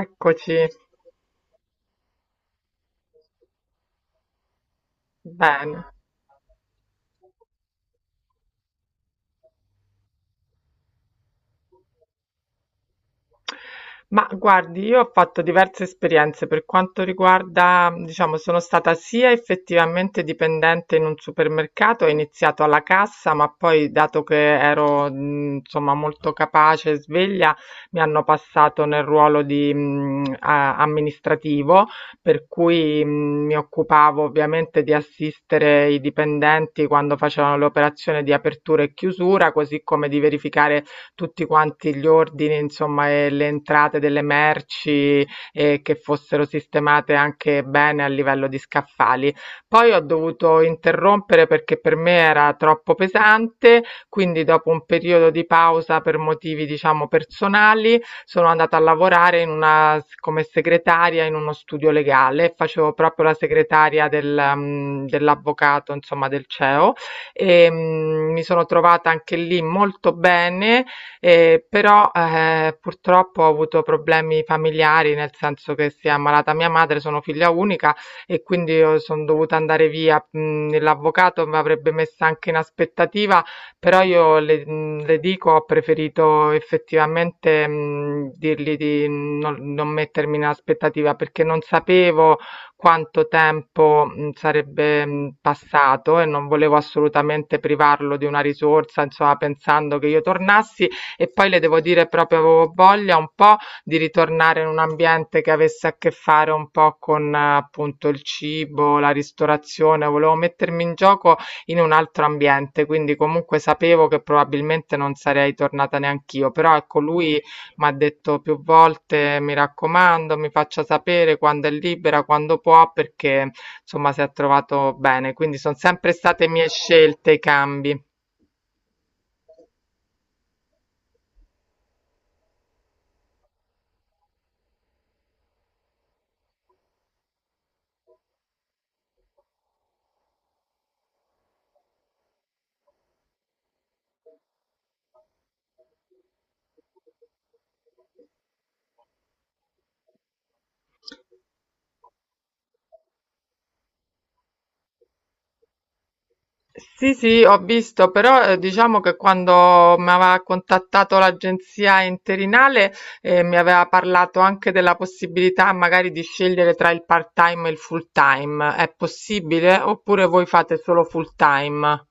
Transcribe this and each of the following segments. Eccoci, bene. Ma guardi, io ho fatto diverse esperienze per quanto riguarda, diciamo, sono stata sia effettivamente dipendente in un supermercato, ho iniziato alla cassa, ma poi dato che ero, insomma, molto capace e sveglia, mi hanno passato nel ruolo di, amministrativo, per cui mi occupavo ovviamente di assistere i dipendenti quando facevano le operazioni di apertura e chiusura, così come di verificare tutti quanti gli ordini, insomma, e le entrate delle merci e che fossero sistemate anche bene a livello di scaffali. Poi ho dovuto interrompere perché per me era troppo pesante, quindi dopo un periodo di pausa per motivi, diciamo, personali, sono andata a lavorare in una, come segretaria in uno studio legale, facevo proprio la segretaria dell'avvocato, insomma, del CEO e mi sono trovata anche lì molto bene però purtroppo ho avuto problemi familiari, nel senso che si è ammalata mia madre, sono figlia unica e quindi io sono dovuta andare via. L'avvocato mi avrebbe messa anche in aspettativa, però io le dico, ho preferito effettivamente dirgli di non mettermi in aspettativa perché non sapevo quanto tempo sarebbe passato e non volevo assolutamente privarlo di una risorsa, insomma, pensando che io tornassi e poi le devo dire proprio avevo voglia un po' di ritornare in un ambiente che avesse a che fare un po' con appunto il cibo, la ristorazione, volevo mettermi in gioco in un altro ambiente, quindi comunque sapevo che probabilmente non sarei tornata neanch'io, però ecco lui mi ha detto più volte mi raccomando, mi faccia sapere quando è libera, quando può, perché insomma si è trovato bene, quindi sono sempre state mie scelte i cambi. Sì, sì, ho visto, però diciamo che quando mi aveva contattato l'agenzia interinale mi aveva parlato anche della possibilità magari di scegliere tra il part-time e il full-time. È possibile oppure voi fate solo full-time?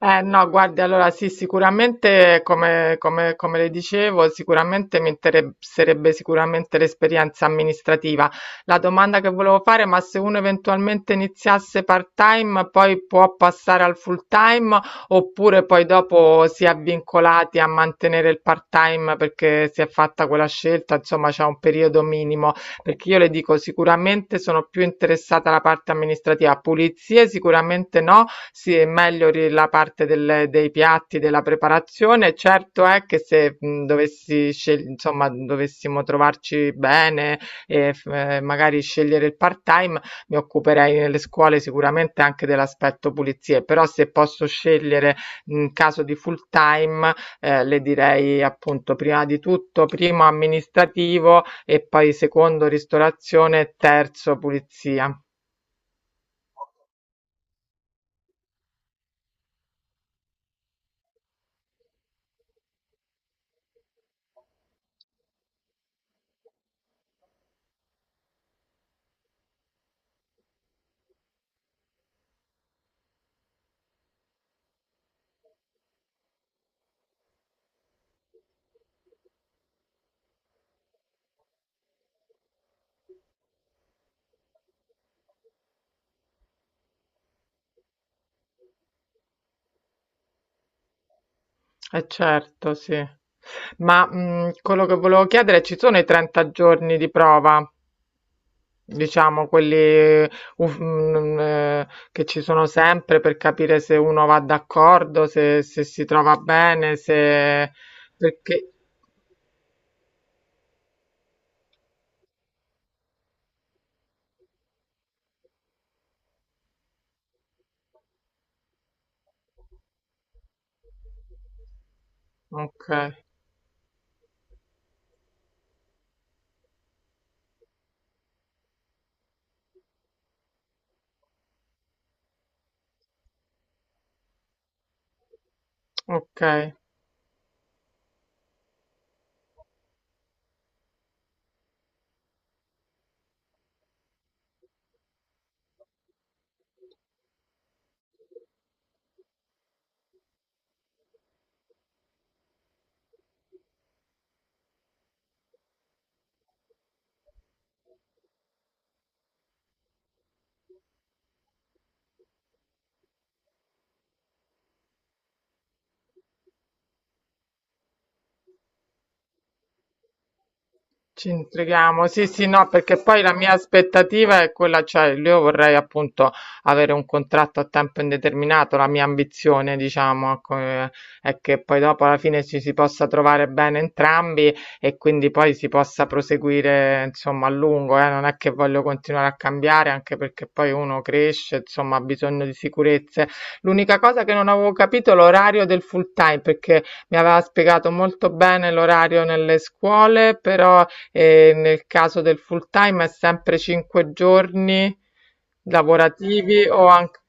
No, guardi, allora sì, sicuramente, come le dicevo, sicuramente mi interesserebbe sicuramente l'esperienza amministrativa. La domanda che volevo fare, ma se uno eventualmente iniziasse part-time, poi può passare al full-time oppure poi dopo si è vincolati a mantenere il part-time perché si è fatta quella scelta, insomma, c'è un periodo minimo. Perché io le dico, sicuramente sono più interessata alla parte amministrativa, pulizie sicuramente no, sì, è meglio la parte dei piatti, della preparazione. Certo è che se dovessi insomma, dovessimo trovarci bene e magari scegliere il part-time, mi occuperei nelle scuole sicuramente anche dell'aspetto pulizie, però se posso scegliere in caso di full-time, le direi appunto prima di tutto, primo amministrativo e poi secondo ristorazione, terzo pulizia. Eh certo, sì. Ma quello che volevo chiedere, ci sono i 30 giorni di prova, diciamo, quelli che ci sono sempre per capire se uno va d'accordo, se si trova bene, se. Perché. Ok, ok. Ci intrighiamo, sì, sì, no, perché poi la mia aspettativa è quella, cioè io vorrei appunto avere un contratto a tempo indeterminato, la mia ambizione, diciamo, ecco, è che poi dopo alla fine ci si possa trovare bene entrambi e quindi poi si possa proseguire, insomma, a lungo, non è che voglio continuare a cambiare, anche perché poi uno cresce, insomma, ha bisogno di sicurezze. L'unica cosa che non avevo capito è l'orario del full time, perché mi aveva spiegato molto bene l'orario nelle scuole, però e nel caso del full time è sempre 5 giorni lavorativi o anche,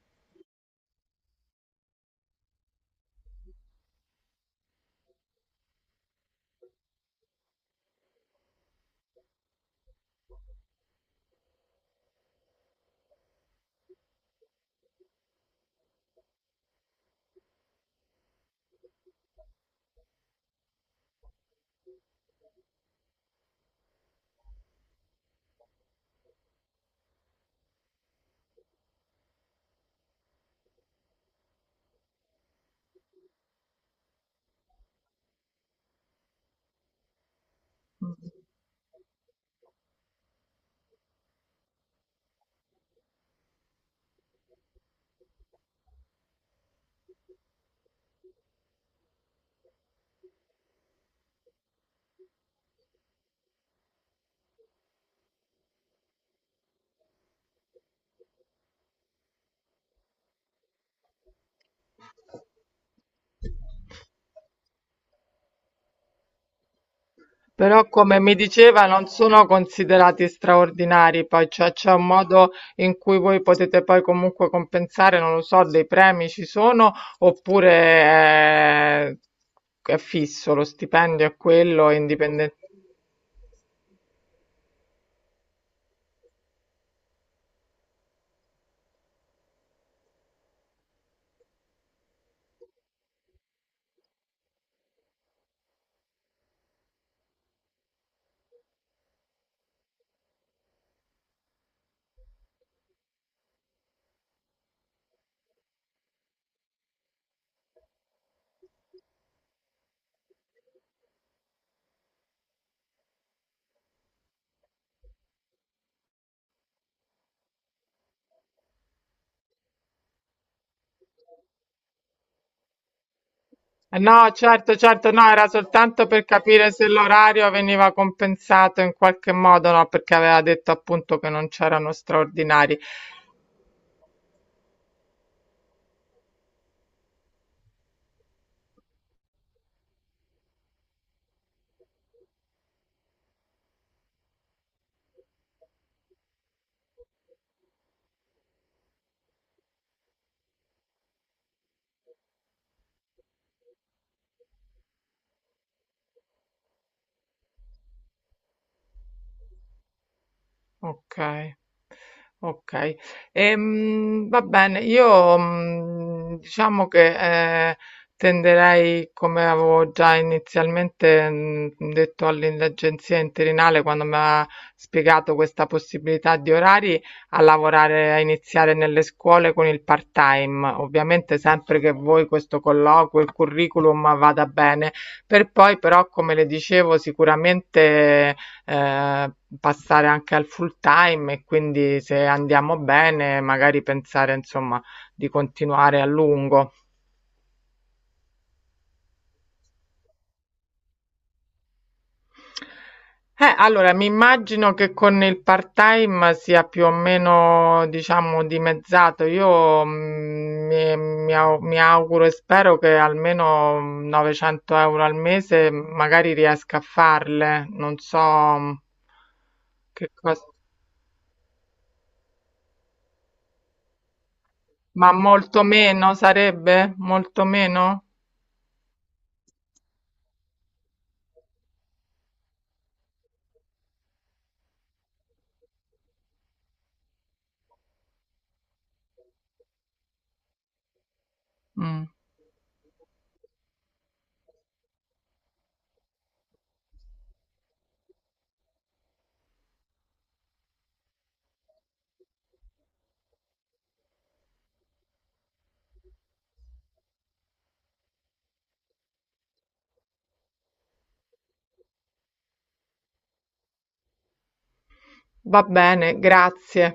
però come mi diceva non sono considerati straordinari, poi cioè c'è un modo in cui voi potete poi comunque compensare, non lo so, dei premi ci sono oppure è fisso, lo stipendio è quello, è indipendente. No, certo, certo, no, era soltanto per capire se l'orario veniva compensato in qualche modo, no, perché aveva detto appunto che non c'erano straordinari. Ok. Okay. Va bene, io, diciamo che, ehm, tenderei, come avevo già inizialmente, detto all'agenzia interinale quando m'ha spiegato questa possibilità di orari, a lavorare a iniziare nelle scuole con il part-time. Ovviamente sempre che voi questo colloquio, il curriculum vada bene. Per poi però, come le dicevo, sicuramente eh, passare anche al full time e quindi se andiamo bene magari pensare insomma di continuare a lungo. Allora, mi immagino che con il part-time sia più o meno, diciamo, dimezzato. Io mi auguro e spero che almeno 900 euro al mese magari riesca a farle. Non so che cosa, ma molto meno sarebbe? Molto meno? Mm, Va bene, grazie.